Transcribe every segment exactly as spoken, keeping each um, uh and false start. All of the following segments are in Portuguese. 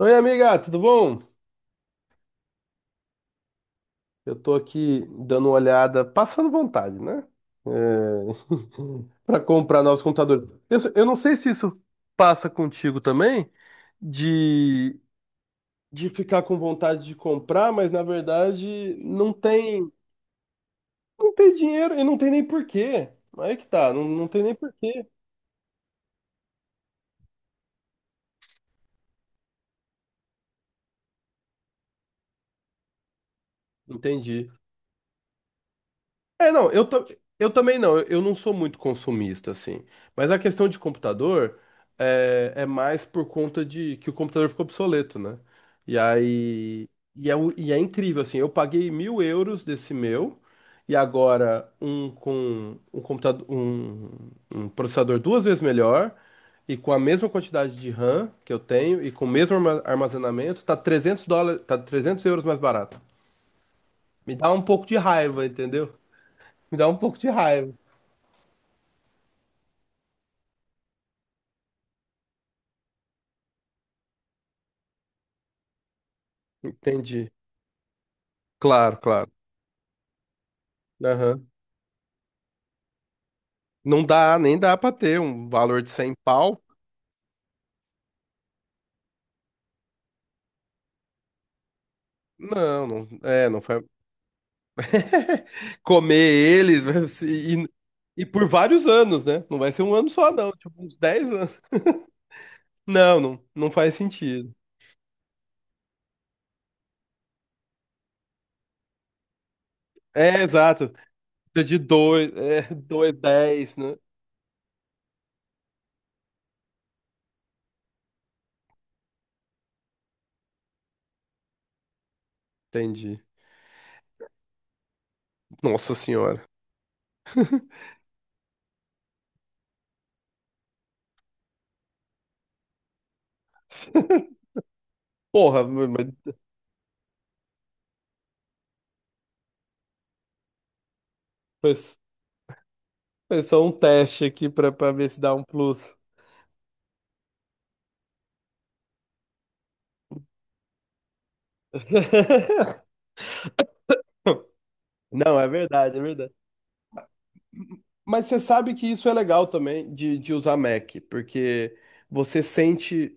Oi, amiga, tudo bom? Eu tô aqui dando uma olhada, passando vontade, né? É... Para comprar novos computadores. Eu, eu não sei se isso passa contigo também, de, de ficar com vontade de comprar, mas na verdade não tem, não tem dinheiro e não tem nem porquê. Aí que tá, não, não tem nem porquê. Entendi. É, não, eu, ta- Eu também não, eu não sou muito consumista, assim. Mas a questão de computador é, é mais por conta de que o computador ficou obsoleto, né? E aí. E é, o- e é incrível, assim, eu paguei mil euros desse meu, e agora um com um computador, um, um processador duas vezes melhor, e com a mesma quantidade de RAM que eu tenho, e com o mesmo arma- armazenamento, tá trezentos dólares, tá trezentos euros mais barato. Me dá um pouco de raiva, entendeu? Me dá um pouco de raiva. Entendi. Claro, claro. Aham. Não dá, nem dá pra ter um valor de cem pau. Não, não, é, não foi. Comer eles e, e por vários anos, né? Não vai ser um ano só, não. Tipo, uns dez anos. Não, não, não faz sentido. É, exato. Precisa de dois, é, dois, dez, né? Entendi. Nossa senhora. Porra, mas, mas foi só um teste aqui pra, pra ver se dá um plus. Não, é verdade, é verdade. Mas você sabe que isso é legal também de, de usar Mac, porque você sente,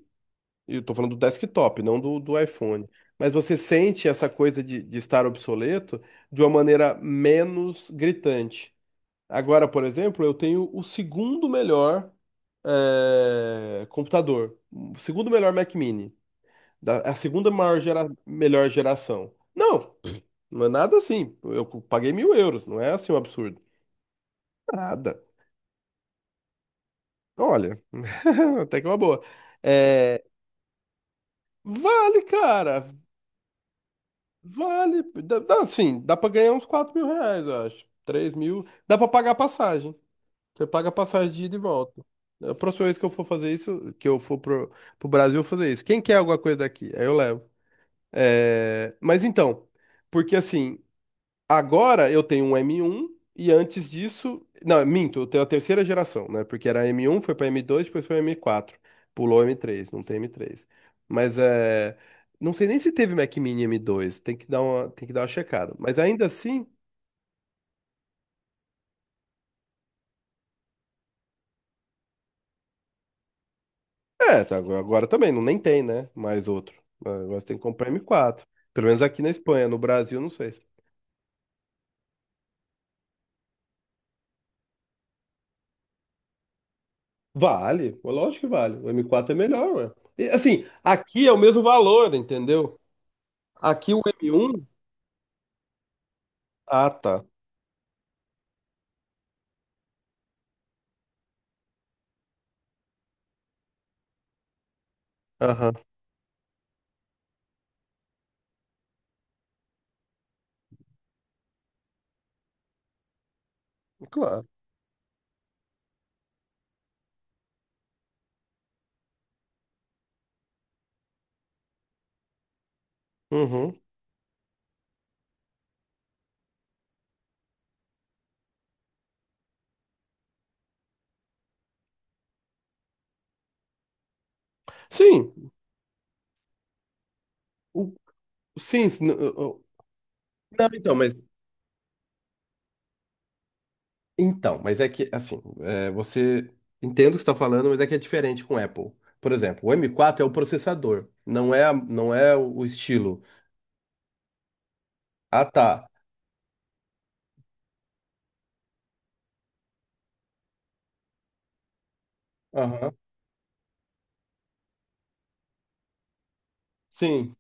eu tô falando do desktop, não do, do iPhone, mas você sente essa coisa de, de estar obsoleto de uma maneira menos gritante. Agora, por exemplo, eu tenho o segundo melhor eh, computador, o segundo melhor Mac Mini, da- a segunda maior gera- melhor geração. Não, não é nada assim. Eu paguei mil euros, não é assim um absurdo. Nada. Olha, até que é uma boa. É, vale, cara. Vale. Dá, dá, assim, dá pra ganhar uns quatro mil reais, eu acho. Três mil. Dá pra pagar a passagem. Você paga a passagem de ida e volta. A próxima vez que eu for fazer isso, que eu for pro, pro Brasil, eu vou fazer isso. Quem quer alguma coisa daqui? Aí eu levo. É, mas então, porque assim, agora eu tenho um M um e antes disso, não, minto, eu tenho a terceira geração, né? Porque era M um, foi para M dois, depois foi M quatro. Pulou M três, não tem M três. Mas é, não sei nem se teve Mac Mini M dois, tem que dar uma, tem que dar uma checada. Mas ainda assim, é, tá, agora agora também não nem tem, né? Mais outro. Ah, agora você tem que comprar M quatro. Pelo menos aqui na Espanha, no Brasil, não sei. Vale, lógico que vale. O M quatro é melhor, ué. E, assim, aqui é o mesmo valor, entendeu? Aqui o M um, ah, tá. Aham, claro. Uhum. Sim, o- sim, sim, n- o- o- não, então, mas então, mas é que assim, é, você entendo o que você está falando, mas é que é diferente com o Apple. Por exemplo, o M quatro é o processador, não é, a- não é o o estilo. Ah, tá. Aham. Sim.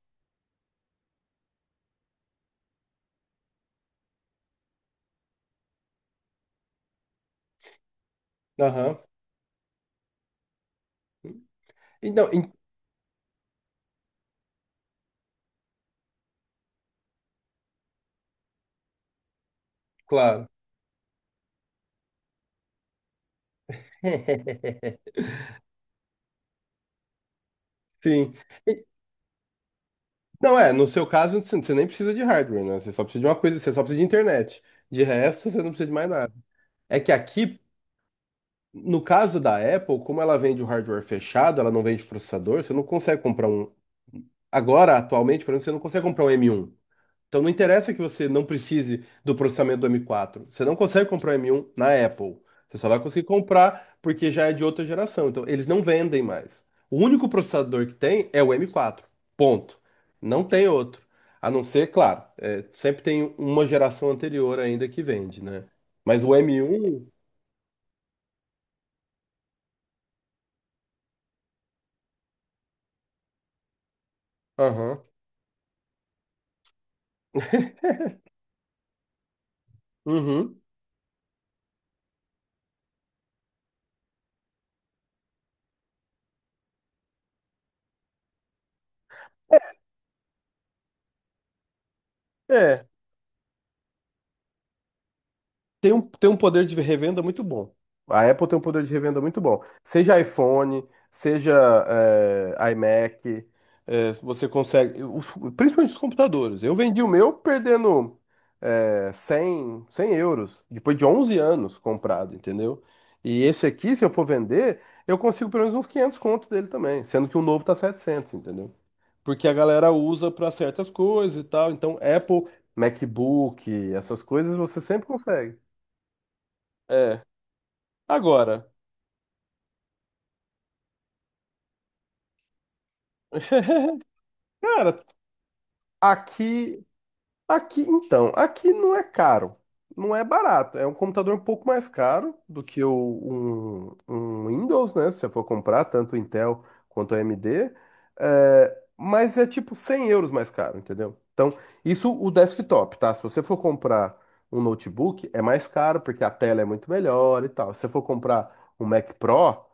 Aham. Então, em- claro. Sim. E- Não é, no seu caso, você você nem precisa de hardware, né? Você só precisa de uma coisa, você só precisa de internet. De resto, você não precisa de mais nada. É que aqui, no caso da Apple, como ela vende o hardware fechado, ela não vende processador, você não consegue comprar um. Agora, atualmente, por exemplo, você não consegue comprar um M um. Então não interessa que você não precise do processamento do M quatro. Você não consegue comprar um M um na Apple. Você só vai conseguir comprar porque já é de outra geração. Então eles não vendem mais. O único processador que tem é o M quatro. Ponto. Não tem outro. A não ser, claro, é, sempre tem uma geração anterior ainda que vende, né? Mas o M um. Aham. Uhum. É, tem um, tem um poder de revenda muito bom. A Apple tem um poder de revenda muito bom. Seja iPhone, seja eh, iMac, eh, você consegue. Os- principalmente os computadores. Eu vendi o meu perdendo eh, cem 100 euros, depois de onze anos comprado, entendeu? E esse aqui, se eu for vender, eu consigo pelo menos uns quinhentos conto dele também, sendo que o novo tá setecentos, entendeu? Porque a galera usa para certas coisas e tal. Então, Apple, MacBook, essas coisas você sempre consegue. Agora, cara, aqui, aqui, então, aqui não é caro, não é barato. É um computador um pouco mais caro do que o, um, um Windows, né? Se você for comprar, tanto Intel quanto A M D, é, mas é tipo cem euros mais caro, entendeu? Então, isso o desktop, tá? Se você for comprar um notebook, é mais caro porque a tela é muito melhor e tal. Se você for comprar um Mac Pro,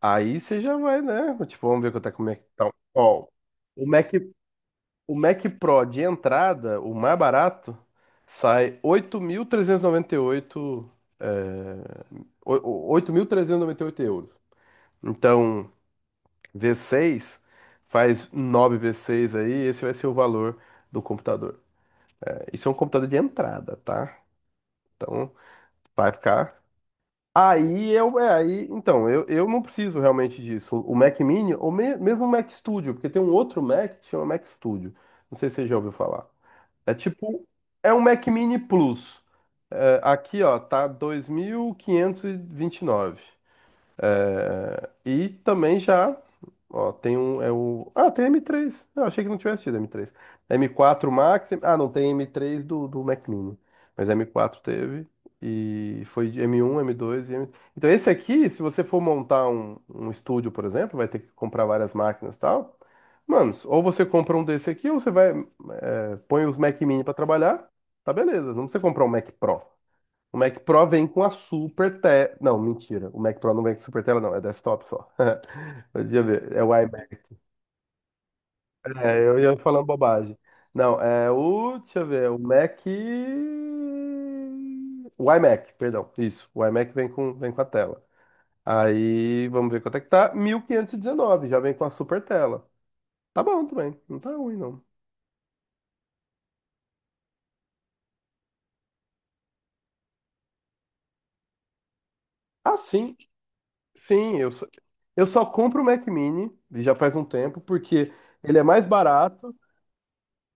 aí você já vai, né? Tipo, vamos ver quanto é que o Mac tá. Ó, o Mac o Mac Pro de entrada, o mais barato, sai oito mil trezentos e noventa e oito, é, o- o- oito mil trezentos e noventa e oito euros. Então, v seis faz nove v seis aí, esse vai ser o valor do computador. É, isso é um computador de entrada, tá? Então, vai ficar. Aí eu, é, aí, então, eu, eu não preciso realmente disso. O Mac Mini, ou me- mesmo o Mac Studio, porque tem um outro Mac que chama Mac Studio. Não sei se você já ouviu falar. É tipo, é um Mac Mini Plus. É, aqui, ó, tá dois mil quinhentos e e vinte e nove, é, e também já, ó, tem um, é o, ah, tem M três. Eu achei que não tivesse tido M três. M quatro Max, ah, não tem M três do, do Mac Mini, mas M quatro teve, e foi de M um, M dois e M... Então esse aqui, se você for montar um, um estúdio, por exemplo, vai ter que comprar várias máquinas e tal. Mano, ou você compra um desse aqui, ou você vai, é, põe os Mac Mini pra trabalhar, tá beleza. Não precisa comprar um Mac Pro. O Mac Pro vem com a Super Tela. Não, mentira. O Mac Pro não vem com Super Tela, não. É desktop só. Deixa eu ver. É o iMac. É, eu ia falando bobagem. Não, é o. Deixa eu ver. O Mac. O iMac, perdão. Isso. O iMac vem com, vem com a tela. Aí, vamos ver quanto é que tá. mil quinhentos e dezenove. Já vem com a Super Tela. Tá bom também. Não tá ruim, não. Ah, sim. Sim, eu só, eu só compro o Mac Mini. E já faz um tempo, porque ele é mais barato.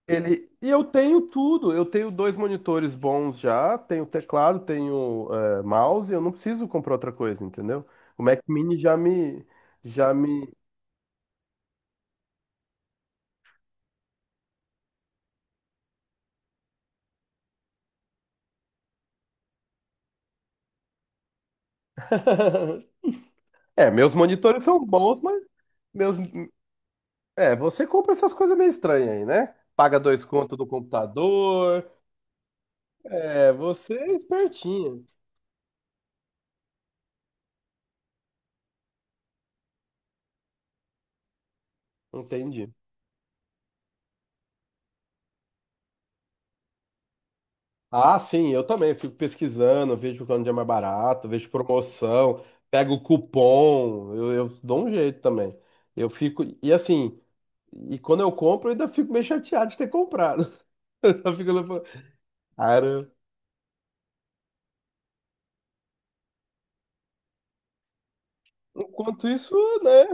Ele, e eu tenho tudo, eu tenho dois monitores bons já, tenho teclado, tenho eh, mouse, eu não preciso comprar outra coisa, entendeu? O Mac Mini já me, já me... É, meus monitores são bons, mas meus... É, você compra essas coisas meio estranhas aí, né? Paga dois contos do computador, é, você é espertinho, entendi. Ah, sim, eu também fico pesquisando, vejo quando é mais barato, vejo promoção, pego cupom, eu, eu dou um jeito também. Eu fico, e assim, e quando eu compro, eu ainda fico meio chateado de ter comprado. Eu fico lá falando, cara, enquanto isso, né?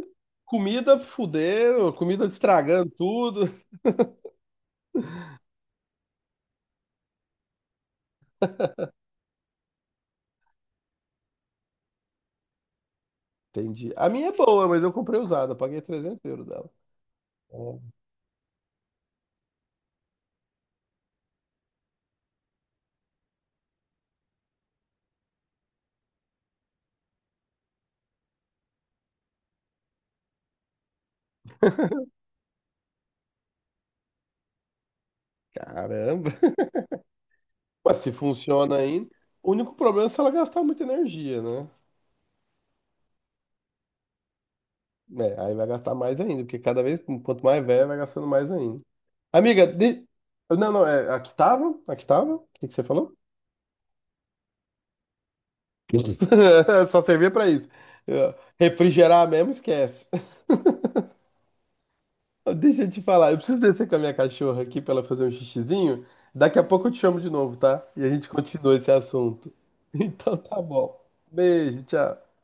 Comida fudendo, comida estragando tudo. Entendi. A minha é boa, mas eu comprei usada, eu paguei trezentos euros dela. Ó, caramba! Mas se funciona ainda, o único problema é se ela gastar muita energia, né? É, aí vai gastar mais ainda, porque cada vez, quanto mais velho, vai gastando mais ainda. Amiga, de... não, não, é, aqui tava, aqui tava, o que que você falou? Só servia pra isso. Eu- Refrigerar mesmo, esquece. Deixa eu te falar, eu preciso descer com a minha cachorra aqui pra ela fazer um xixizinho. Daqui a pouco eu te chamo de novo, tá? E a gente continua esse assunto. Então tá bom. Beijo, tchau.